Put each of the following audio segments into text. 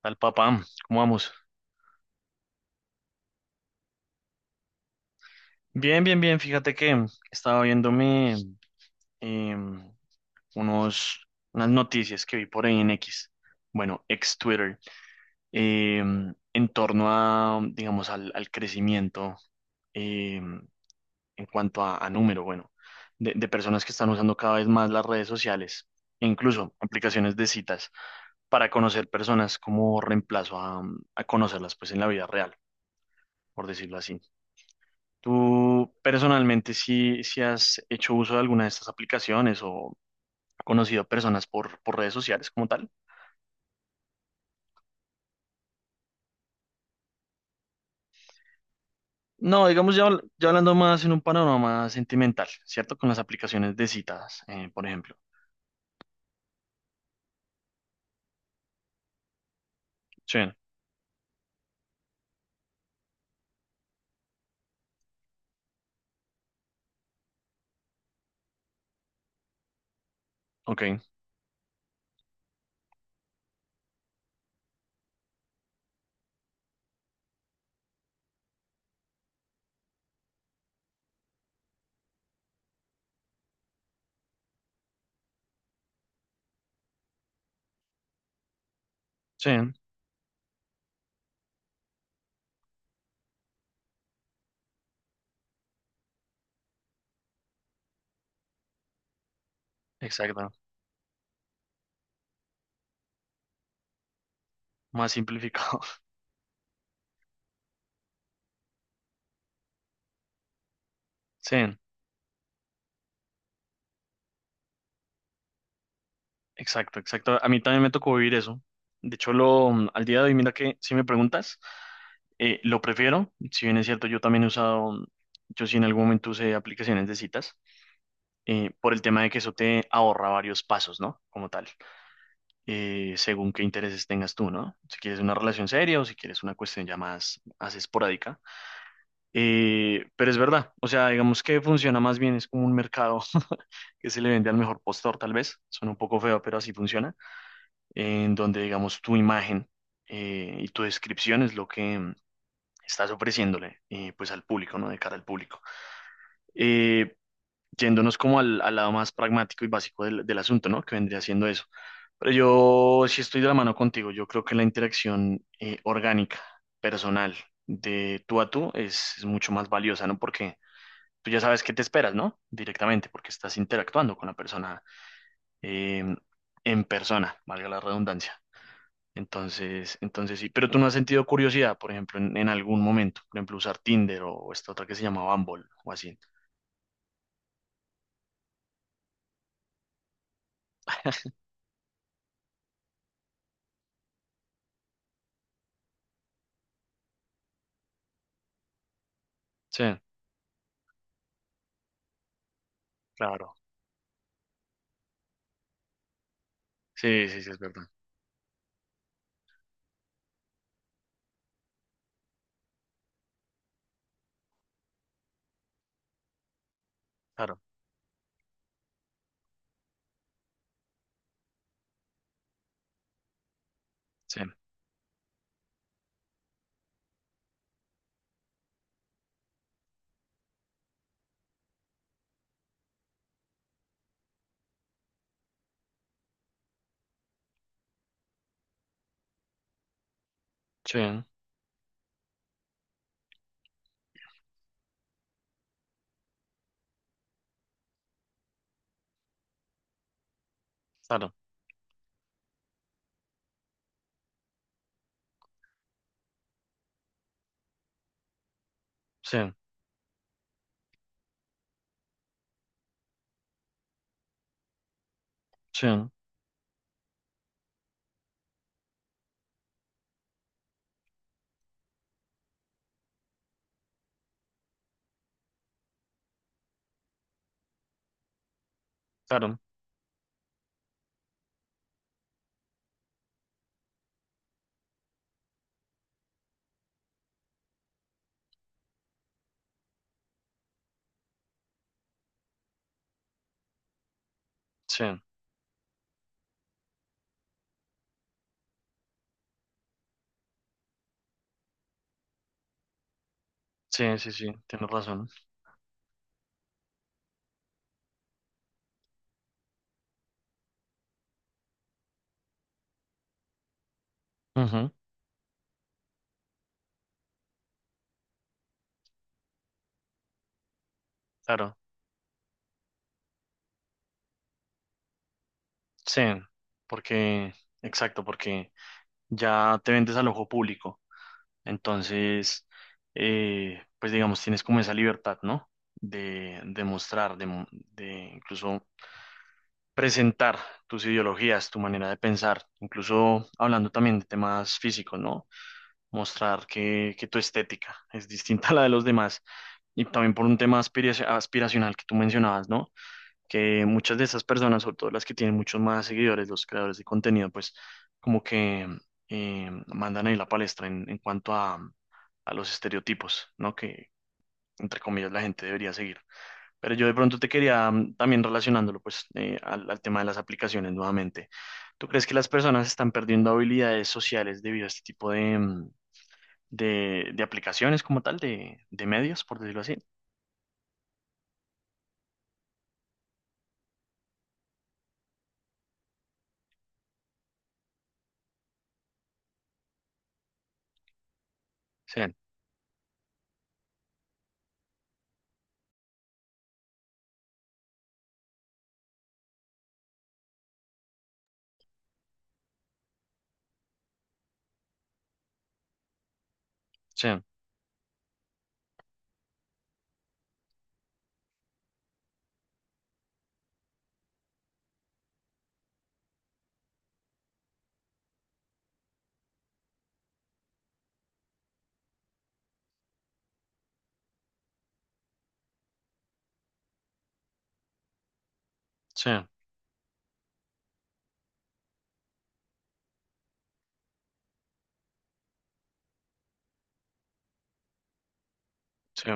Tal papá, ¿cómo vamos? Bien, bien, bien. Fíjate que estaba viéndome em, unos, unas noticias que vi por ahí en X, bueno, ex Twitter, en torno a, digamos, al crecimiento em, en cuanto a, número, bueno, de personas que están usando cada vez más las redes sociales e incluso aplicaciones de citas para conocer personas como reemplazo a conocerlas pues en la vida real, por decirlo así. ¿Tú personalmente si, has hecho uso de alguna de estas aplicaciones o conocido personas por redes sociales como tal? No, digamos ya, ya hablando más en un panorama sentimental, ¿cierto? Con las aplicaciones de citas, por ejemplo. Sí, ok, sí, exacto, más simplificado. Sí, exacto, exacto. A mí también me tocó vivir eso. De hecho, al día de hoy, mira que si me preguntas, lo prefiero. Si bien es cierto, yo también he usado, yo sí en algún momento usé aplicaciones de citas. Por el tema de que eso te ahorra varios pasos, ¿no? Como tal, según qué intereses tengas tú, ¿no? Si quieres una relación seria o si quieres una cuestión ya más, más esporádica. Pero es verdad, o sea, digamos que funciona más bien, es como un mercado que se le vende al mejor postor, tal vez, suena un poco feo, pero así funciona, en donde, digamos, tu imagen y tu descripción es lo que estás ofreciéndole, pues al público, ¿no? De cara al público. Eh, Yéndonos como al lado más pragmático y básico del asunto, ¿no? Que vendría siendo eso. Pero yo sí estoy de la mano contigo. Yo creo que la interacción orgánica, personal, de tú a tú es mucho más valiosa, ¿no? Porque tú ya sabes qué te esperas, ¿no? Directamente, porque estás interactuando con la persona eh, en persona, valga la redundancia. Entonces, entonces sí. Pero tú no has sentido curiosidad, por ejemplo, en algún momento. Por ejemplo, usar Tinder o esta otra que se llama Bumble o así. Sí, claro. Sí, sí, sí, es verdad. Claro. Sí, sí, claro, sí, sí, claro, sí, sí, sí, sí, tienes razón. Ujú, claro, sí, porque, exacto, porque ya te vendes al ojo público, entonces, pues digamos, tienes como esa libertad, ¿no? De mostrar, de, de incluso presentar tus ideologías, tu manera de pensar, incluso hablando también de temas físicos, ¿no? Mostrar que tu estética es distinta a la de los demás y también por un tema aspiracional que tú mencionabas, ¿no? Que muchas de esas personas, sobre todo las que tienen muchos más seguidores, los creadores de contenido, pues como que mandan ahí la palestra en cuanto a los estereotipos, ¿no? Que entre comillas la gente debería seguir. Pero yo de pronto te quería también relacionándolo pues al, al tema de las aplicaciones nuevamente. ¿Tú crees que las personas están perdiendo habilidades sociales debido a este tipo de, de aplicaciones como tal, de medios, por decirlo así? Sí, sí. Sí, sí,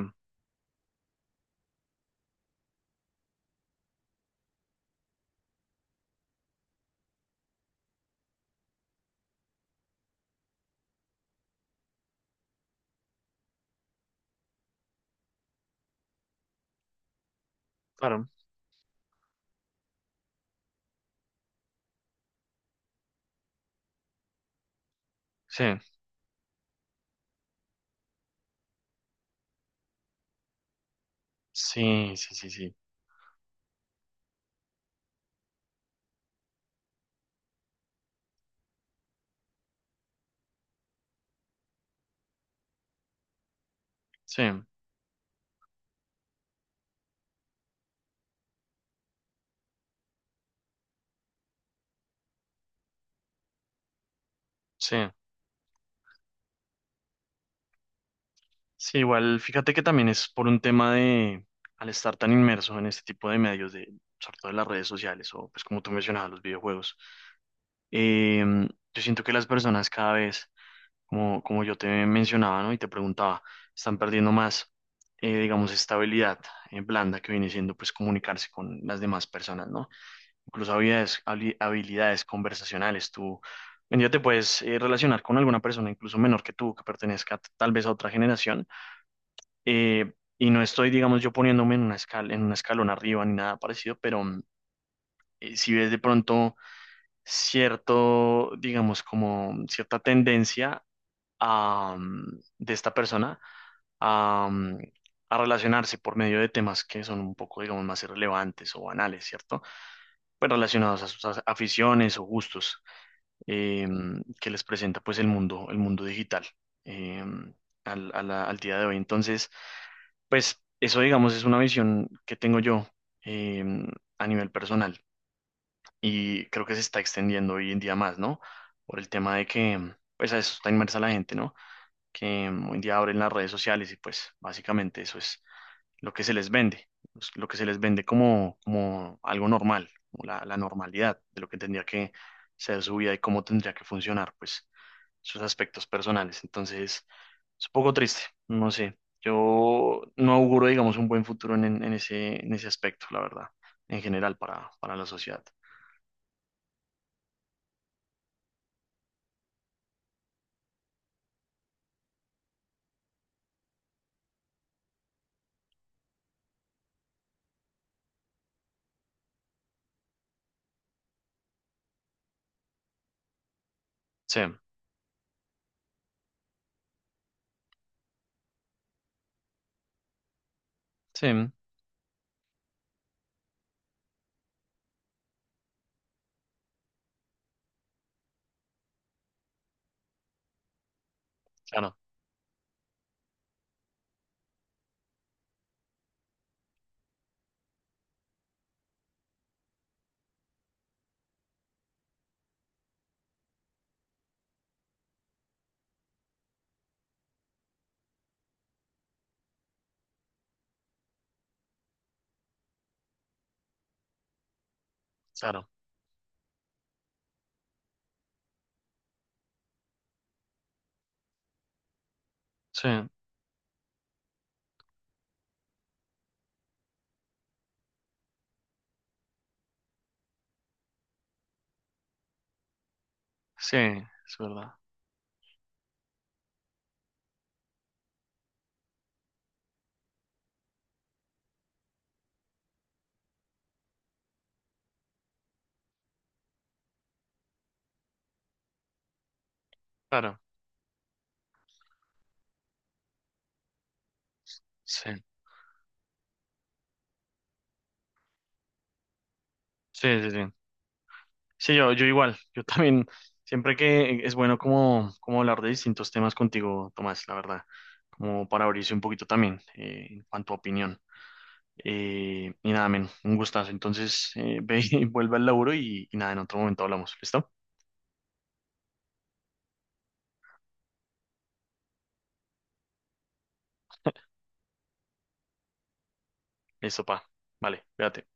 claro, sí, sí, sí, sí, sí, sí, sí, sí, igual fíjate que también es por un tema de, al estar tan inmerso en este tipo de medios, de, sobre todo en las redes sociales o pues como tú mencionabas, los videojuegos, eh, yo siento que las personas cada vez, como, como yo te mencionaba, ¿no? Y te preguntaba, están perdiendo más, digamos, esta habilidad blanda que viene siendo pues comunicarse con las demás personas, ¿no? Incluso habilidades conversacionales. Tú un día te puedes relacionar con alguna persona, incluso menor que tú, que pertenezca tal vez a otra generación. Y no estoy, digamos, yo poniéndome en una escala, en un escalón arriba ni nada parecido, pero si ves de pronto cierto, digamos, como cierta tendencia am, de esta persona am, a relacionarse por medio de temas que son un poco, digamos, más irrelevantes o banales, ¿cierto? Pues relacionados a sus aficiones o gustos que les presenta pues el mundo digital em, al, al día de hoy. Entonces, pues eso, digamos, es una visión que tengo yo em, a nivel personal y creo que se está extendiendo hoy en día más, ¿no? Por el tema de que, pues a eso está inmersa la gente, ¿no? Hoy en día abren las redes sociales y pues básicamente eso es lo que se les vende, pues, lo que se les vende como, como algo normal, como la normalidad de lo que tendría que ser su vida y cómo tendría que funcionar, pues sus aspectos personales. Entonces, es un poco triste, no sé. Yo no auguro, digamos, un buen futuro en ese aspecto, la verdad, en general para la sociedad. Sí, sí, claro, claro, sí, sí, es verdad, claro, sí. Sí, sí, sí. Sí, yo igual. Yo también, siempre que es bueno como, como hablar de distintos temas contigo, Tomás, la verdad, como para abrirse un poquito también en cuanto a opinión. Y nada, men, un gustazo. Entonces, ve y vuelve al laburo y nada, en otro momento hablamos. ¿Listo? Listo, pa. Vale, cuídate.